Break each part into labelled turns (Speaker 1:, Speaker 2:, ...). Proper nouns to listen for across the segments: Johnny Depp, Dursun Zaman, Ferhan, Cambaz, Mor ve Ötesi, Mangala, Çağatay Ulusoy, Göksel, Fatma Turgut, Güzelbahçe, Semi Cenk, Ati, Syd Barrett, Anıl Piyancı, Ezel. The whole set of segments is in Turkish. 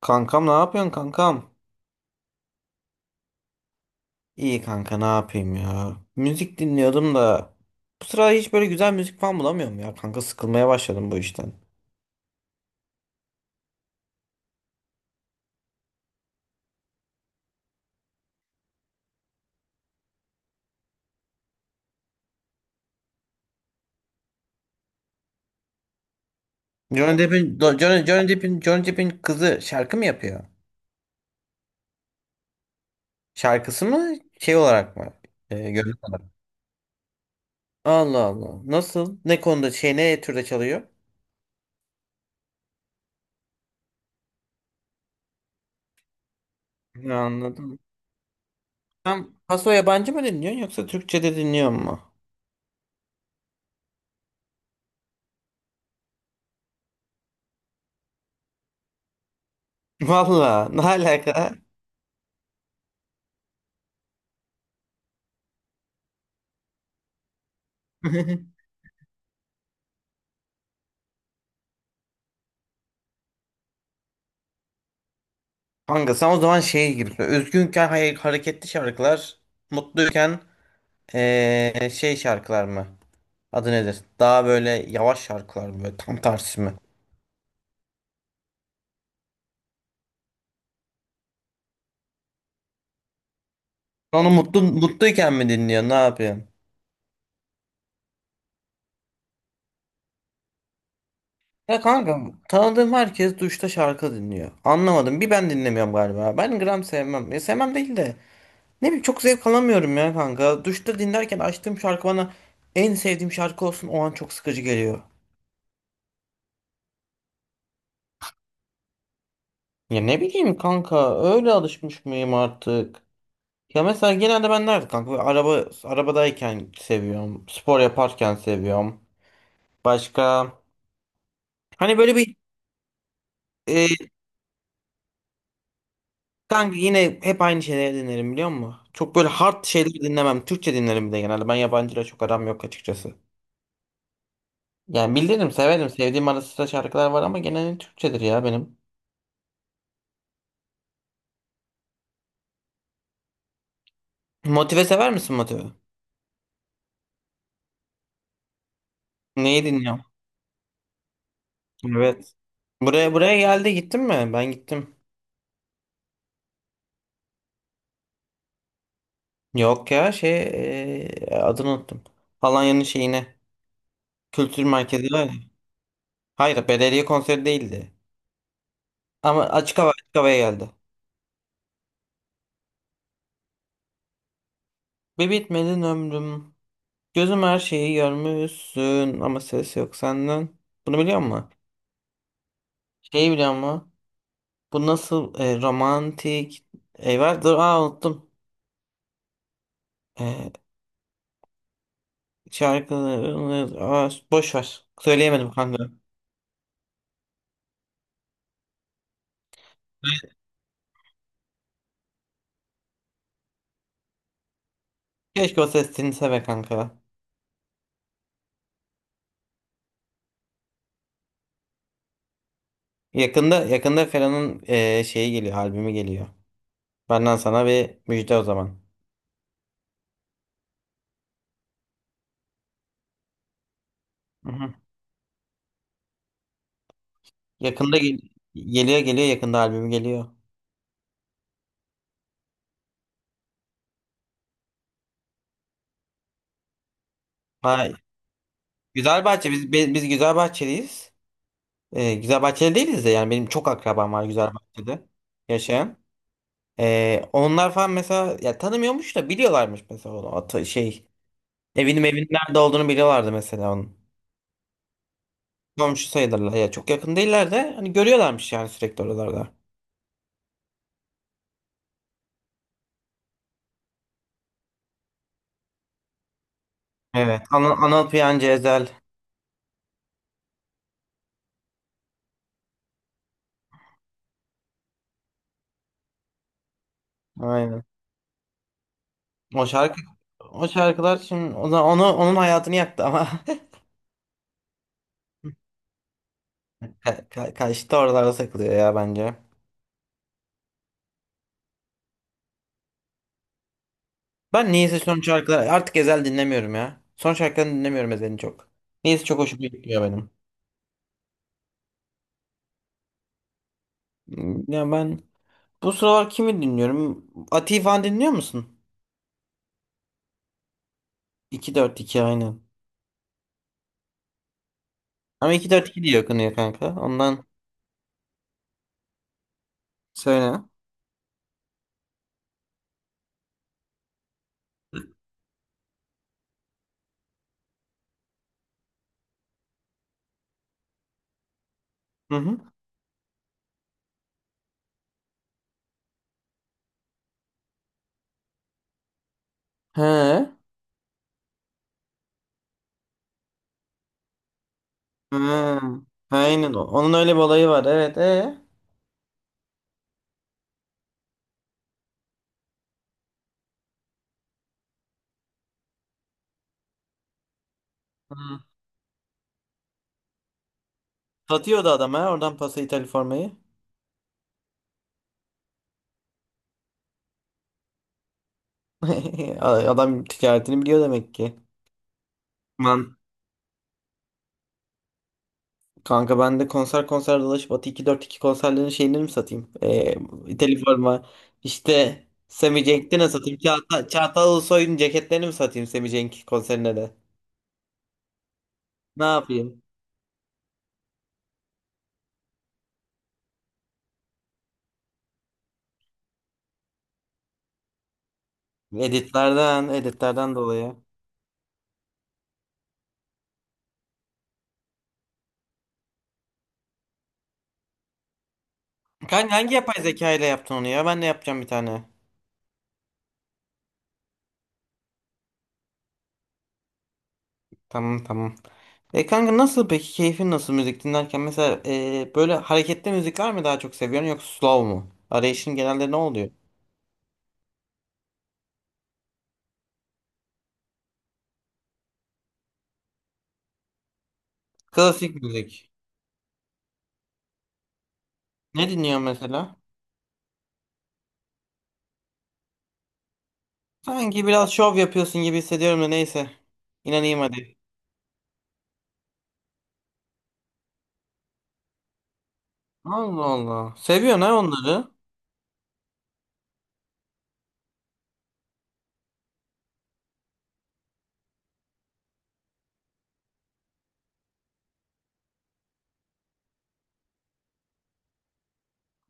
Speaker 1: Kankam ne yapıyorsun kankam? İyi kanka ne yapayım ya. Müzik dinliyordum da bu sıra hiç böyle güzel müzik falan bulamıyorum ya kanka sıkılmaya başladım bu işten. Johnny Depp'in Do- Johnny, Johnny Depp'in Johnny Depp'in kızı şarkı mı yapıyor? Şarkısı mı şey olarak mı? Görünüm olarak. Allah Allah. Nasıl? Ne konuda şey ne türde çalıyor? Ya anladım. Sen paso yabancı mı dinliyorsun yoksa Türkçe de dinliyor mu? Valla ne alaka? Kanka sen o zaman şeye gibisin. Üzgünken hareketli şarkılar, mutluyken şey şarkılar mı? Adı nedir? Daha böyle yavaş şarkılar mı? Böyle tam tersi mi? Onu mutluyken mi dinliyorsun? Ne yapıyorsun? Ya kanka tanıdığım herkes duşta şarkı dinliyor. Anlamadım. Bir ben dinlemiyorum galiba. Ben gram sevmem. Ya sevmem değil de. Ne bileyim çok zevk alamıyorum ya kanka. Duşta dinlerken açtığım şarkı bana en sevdiğim şarkı olsun o an çok sıkıcı geliyor. Ya ne bileyim kanka öyle alışmış mıyım artık? Ya mesela genelde ben nerede kanka? Böyle arabadayken seviyorum. Spor yaparken seviyorum. Başka? Hani böyle bir e, kanka yine hep aynı şeyleri dinlerim biliyor musun? Çok böyle hard şeyleri dinlemem. Türkçe dinlerim bir de genelde. Ben yabancıyla çok aram yok açıkçası. Yani bilirim severim. Sevdiğim ara sıra şarkılar var ama genelde Türkçedir ya benim. Motive sever misin Motive? Neyi dinliyorum? Evet. Buraya geldi gittin mi? Ben gittim. Yok ya adını unuttum. Alanya'nın şeyine. Kültür merkezi var ya. Hayır, belediye konseri değildi. Ama açık havaya geldi. Bir bitmedin ömrüm. Gözüm her şeyi görmüşsün ama ses yok senden. Bunu biliyor musun? Şeyi biliyor musun? Bu nasıl romantik var? Dur unuttum. E, Şarkıları boş ver. Söyleyemedim kanka. Keşke o ses dinlese be kanka. Yakında Ferhan'ın şeyi geliyor, albümü geliyor. Benden sana bir müjde o zaman. Hı hı. Yakında geliyor yakında albüm geliyor. Ha, Güzelbahçe biz Güzelbahçeliyiz. Güzelbahçeli değiliz de yani benim çok akrabam var Güzelbahçe'de yaşayan. Onlar falan mesela ya tanımıyormuş da biliyorlarmış mesela onu atı şey evinin nerede olduğunu biliyorlardı mesela onun. Komşu sayılırlar ya çok yakın değiller de hani görüyorlarmış yani sürekli oralarda. Evet. Anıl Piyancı Ezel. Aynen. O şarkı o şarkılar şimdi o zaman onun hayatını yaktı ama. Ka ka Kaş'ta oralarda takılıyor ya bence. Ben niyeyse son şarkıları artık Ezel dinlemiyorum ya. Son şarkılarını dinlemiyorum Ezel'in çok. Niyeyse çok hoşuma gitmiyor benim. Ya ben bu sıralar kimi dinliyorum? Ati'yi falan dinliyor musun? 2 dört iki aynen. Ama iki dört iki diye okunuyor kanka. Ondan söyle. Hı hı. He. He. Aynen. Onun öyle bir olayı var. Evet. E. Hı. Satıyordu adam ha. Oradan pası İtalya formayı. Adam ticaretini biliyor demek ki. Man. Kanka ben de konser konser dolaşıp Atı 242 konserlerinin şeylerini mi satayım? Telif forma. İşte Semi Cenk'te ne satayım? Çağatay Ulusoy'un ceketlerini mi satayım Semi Cenk konserine de? Ne yapayım? Editlerden dolayı. Kanka hangi yapay zeka ile yaptın onu ya? Ben de yapacağım bir tane. Tamam tamam. Kanka nasıl peki keyfin nasıl müzik dinlerken? Mesela böyle hareketli müzikler mi daha çok seviyorsun yoksa slow mu? Arayışın genelde ne oluyor? Klasik müzik. Ne dinliyorsun mesela? Sanki biraz şov yapıyorsun gibi hissediyorum da neyse. İnanayım hadi. Allah Allah. Seviyorsun ha onları.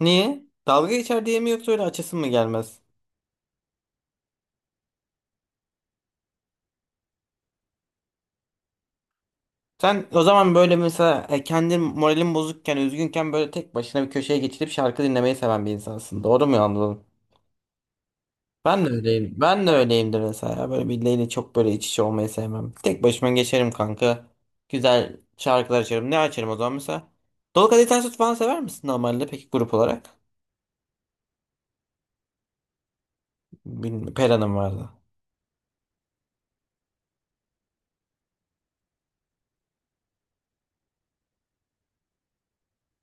Speaker 1: Niye? Dalga geçer diye mi yoksa öyle açısın mı gelmez? Sen o zaman böyle mesela kendin moralin bozukken, üzgünken böyle tek başına bir köşeye geçilip şarkı dinlemeyi seven bir insansın. Doğru mu anladım? Ben de öyleyim. Ben de öyleyimdir mesela. Böyle birileriyle çok böyle iç içe olmayı sevmem. Tek başıma geçerim kanka. Güzel şarkılar açarım. Ne açarım o zaman mesela? Dolu Kadehi Ters Tut falan sever misin normalde peki grup olarak? Bilmiyorum. Pera'nın vardı.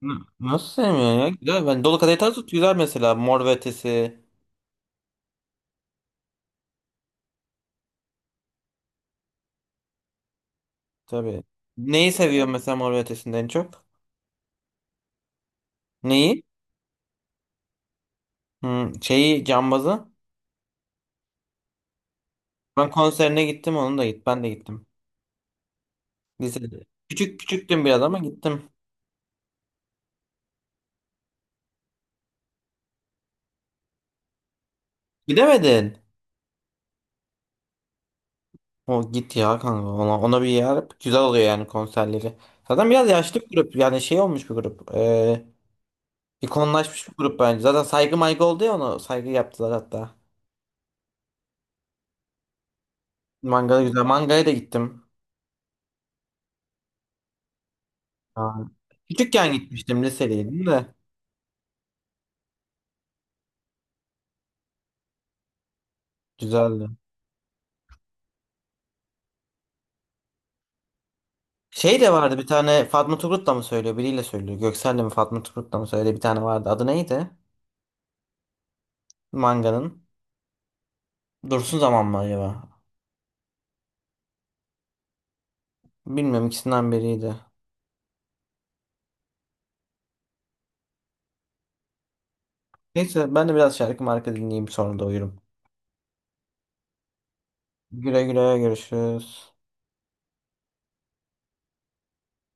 Speaker 1: Nasıl sevmiyorsun ya? Güzel. Ben Dolu Kadehi Tart güzel mesela. Mor ve Ötesi. Tabii. Neyi seviyor mesela Mor ve Ötesi'nden en çok? Neyi? Şeyi Cambaz'ı. Ben konserine gittim onun da git. Ben de gittim. Lisede. Küçüktüm biraz ama gittim. Gidemedin. O git ya kanka ona bir yer güzel oluyor yani konserleri. Zaten biraz yaşlı bir grup yani şey olmuş bir grup. İkonlaşmış bir grup bence. Zaten saygı maygı oldu ya onu saygı yaptılar hatta. Mangala güzel. Mangaya da gittim. Ha. Küçükken gitmiştim lisedeydim de. Güzeldi. Şey de vardı bir tane Fatma Turgut da mı söylüyor biriyle söylüyor. Göksel'le mi Fatma Turgut da mı söylüyor bir tane vardı. Adı neydi? Manganın. Dursun Zaman mı acaba? Bilmiyorum ikisinden biriydi. Neyse ben de biraz şarkı marka dinleyeyim sonra da uyurum. Güle güle görüşürüz.